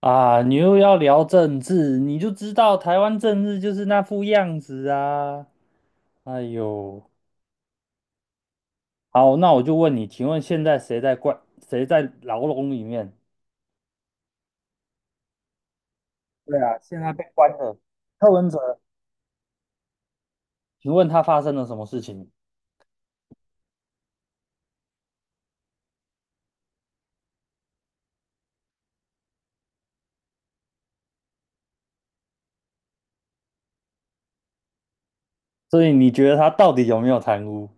啊，你又要聊政治，你就知道台湾政治就是那副样子啊！哎呦，好，那我就问你，请问现在谁在关，谁在牢笼里面？对啊，现在被关了。柯文哲，请问他发生了什么事情？所以你觉得他到底有没有贪污？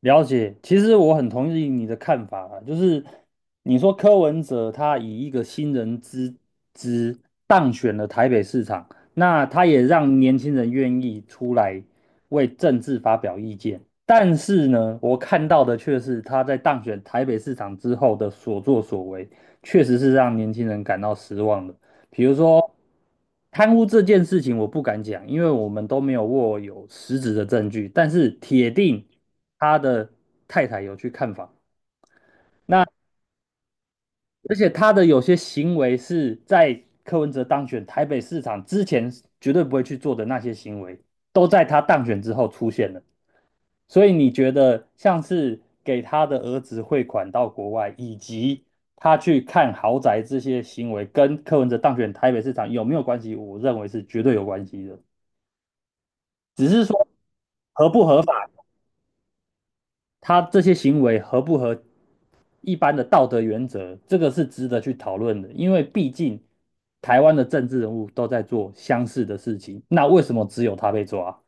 了解，其实我很同意你的看法啊，就是你说柯文哲他以一个新人之姿当选了台北市长，那他也让年轻人愿意出来为政治发表意见。但是呢，我看到的却是他在当选台北市长之后的所作所为，确实是让年轻人感到失望的。比如说贪污这件事情，我不敢讲，因为我们都没有握有实质的证据，但是铁定他的太太有去看房，而且他的有些行为是在柯文哲当选台北市长之前绝对不会去做的那些行为，都在他当选之后出现了。所以你觉得像是给他的儿子汇款到国外，以及他去看豪宅这些行为，跟柯文哲当选台北市长有没有关系？我认为是绝对有关系的。只是说合不合法，他这些行为合不合一般的道德原则，这个是值得去讨论的。因为毕竟台湾的政治人物都在做相似的事情，那为什么只有他被抓？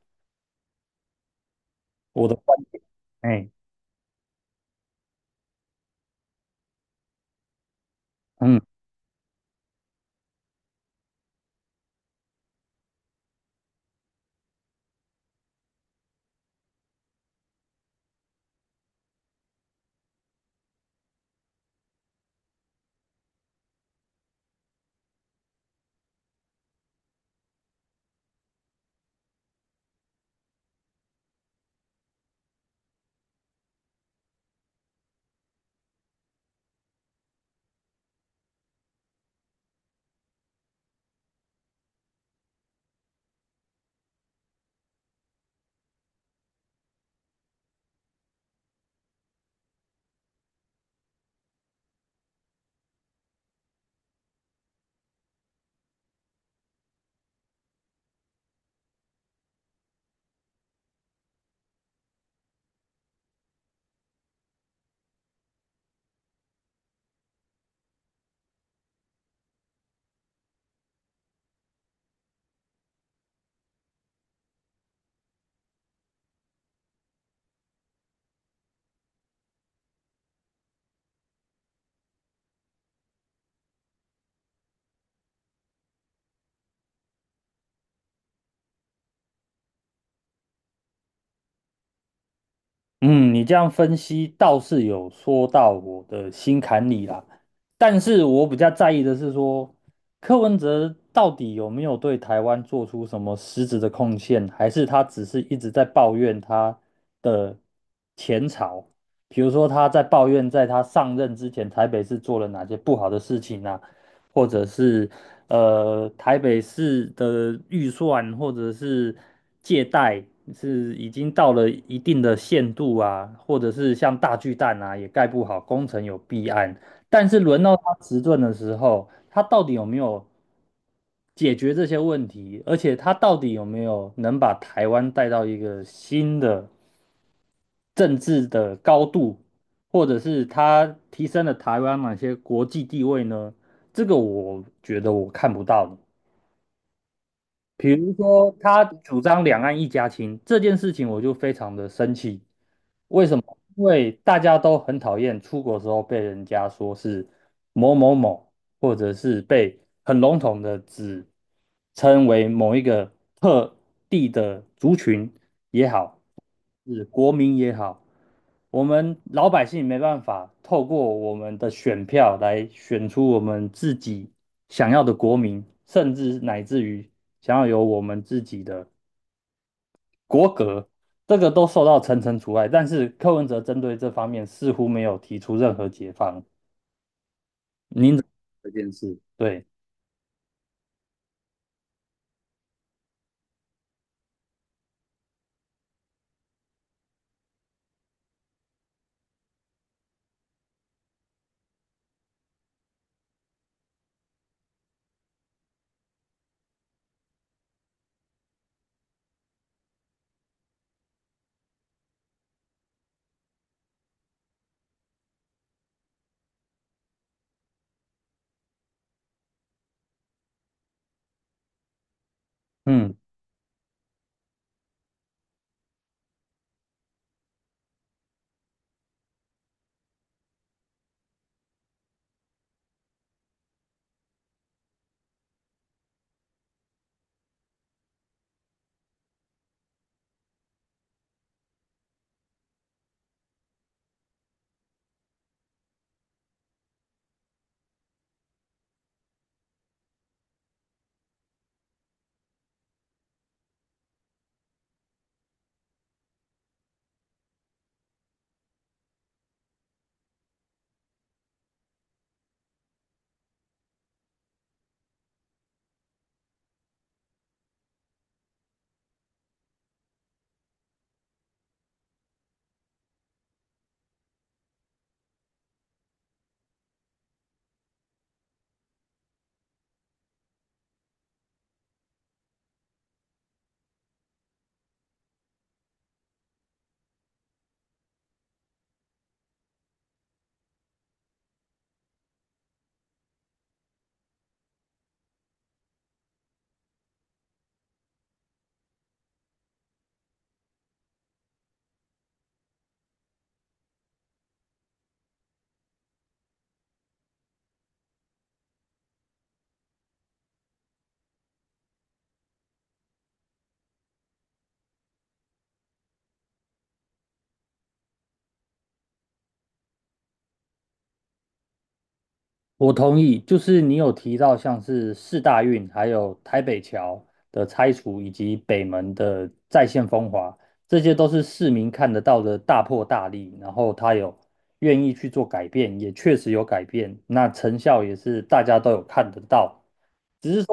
我的观点，哎，嗯。嗯，你这样分析倒是有说到我的心坎里啦，但是我比较在意的是说，柯文哲到底有没有对台湾做出什么实质的贡献，还是他只是一直在抱怨他的前朝，比如说他在抱怨在他上任之前台北市做了哪些不好的事情啊，或者是台北市的预算或者是借贷是已经到了一定的限度啊，或者是像大巨蛋啊也盖不好，工程有弊案，但是轮到他执政的时候，他到底有没有解决这些问题，而且他到底有没有能把台湾带到一个新的政治的高度？或者是他提升了台湾哪些国际地位呢？这个我觉得我看不到的。比如说，他主张两岸一家亲这件事情，我就非常的生气。为什么？因为大家都很讨厌出国的时候被人家说是某某某，或者是被很笼统的指称为某一个特地的族群也好，是国民也好，我们老百姓没办法透过我们的选票来选出我们自己想要的国民，甚至乃至于想要有我们自己的国格，这个都受到层层阻碍。但是柯文哲针对这方面似乎没有提出任何解放。您怎么看这件事？对，嗯。我同意，就是你有提到像是四大运，还有台北桥的拆除，以及北门的再现风华，这些都是市民看得到的大破大立，然后他有愿意去做改变，也确实有改变，那成效也是大家都有看得到。只是。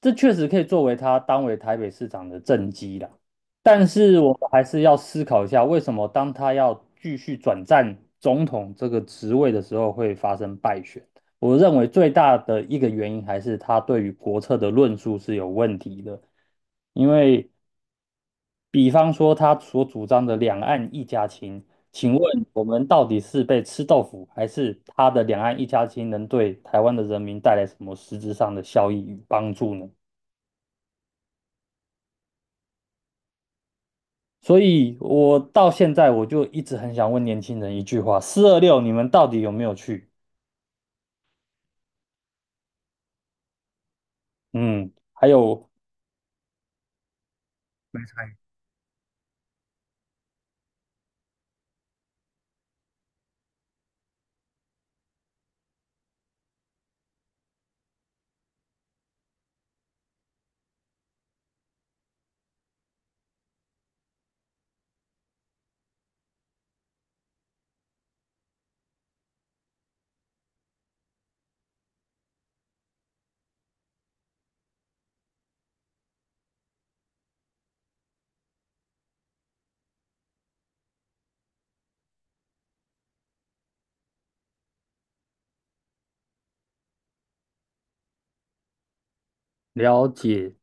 这确实可以作为他当为台北市长的政绩啦。但是我们还是要思考一下，为什么当他要继续转战总统这个职位的时候会发生败选？我认为最大的一个原因还是他对于国策的论述是有问题的，因为比方说他所主张的两岸一家亲，请问我们到底是被吃豆腐，还是他的两岸一家亲能对台湾的人民带来什么实质上的效益与帮助呢？所以我到现在我就一直很想问年轻人一句话：4/26，你们到底有没有去？嗯，还有了解，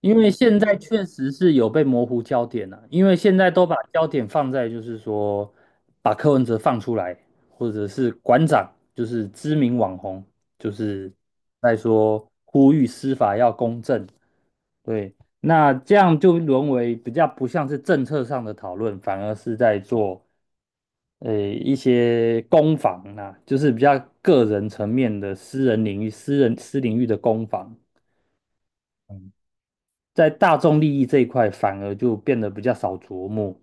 因为现在确实是有被模糊焦点了、因为现在都把焦点放在就是说把柯文哲放出来，或者是馆长，就是知名网红，就是在说呼吁司法要公正，对。那这样就沦为比较不像是政策上的讨论，反而是在做。一些攻防啊，就是比较个人层面的私人领域、私人私领域的攻防，嗯在大众利益这一块反而就变得比较少琢磨。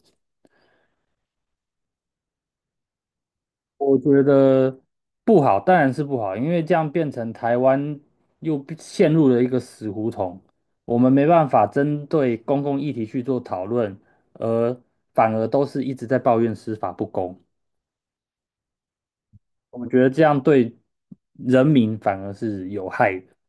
我觉得不好，当然是不好，因为这样变成台湾又变陷入了一个死胡同，我们没办法针对公共议题去做讨论，而反而都是一直在抱怨司法不公。我觉得这样对人民反而是有害的。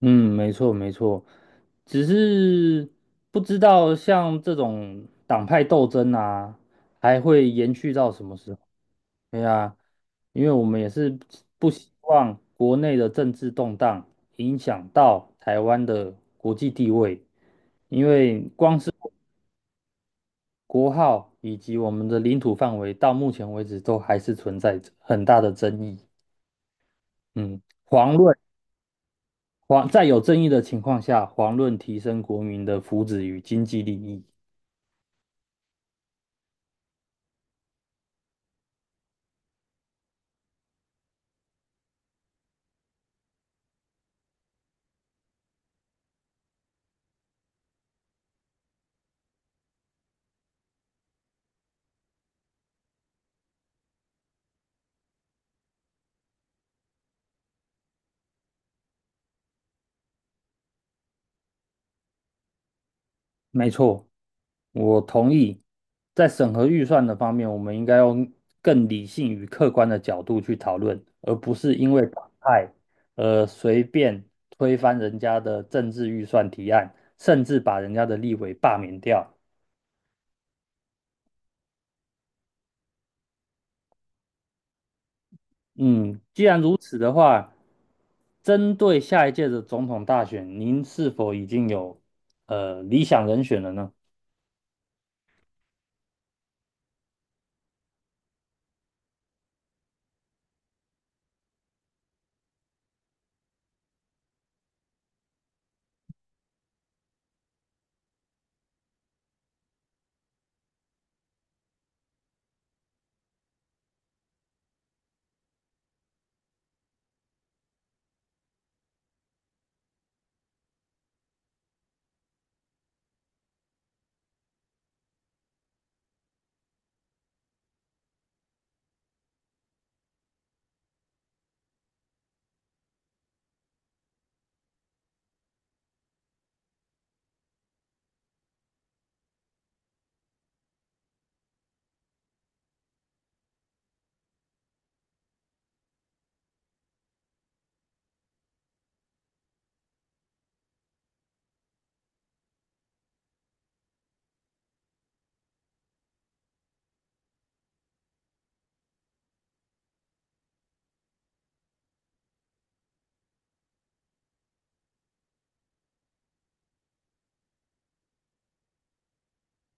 嗯，没错没错，只是不知道像这种党派斗争啊，还会延续到什么时候？对啊，因为我们也是不希望国内的政治动荡影响到台湾的国际地位，因为光是国号以及我们的领土范围，到目前为止都还是存在着很大的争议。嗯，遑论。黄在有争议的情况下，黄论提升国民的福祉与经济利益。没错，我同意。在审核预算的方面，我们应该用更理性与客观的角度去讨论，而不是因为党派而随便推翻人家的政治预算提案，甚至把人家的立委罢免掉。嗯，既然如此的话，针对下一届的总统大选，您是否已经有理想人选了呢？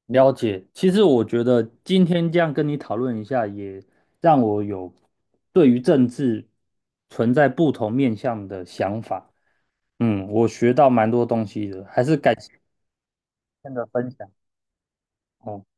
了解，其实我觉得今天这样跟你讨论一下，也让我有对于政治存在不同面向的想法。嗯，我学到蛮多东西的，还是感谢今天的分享。哦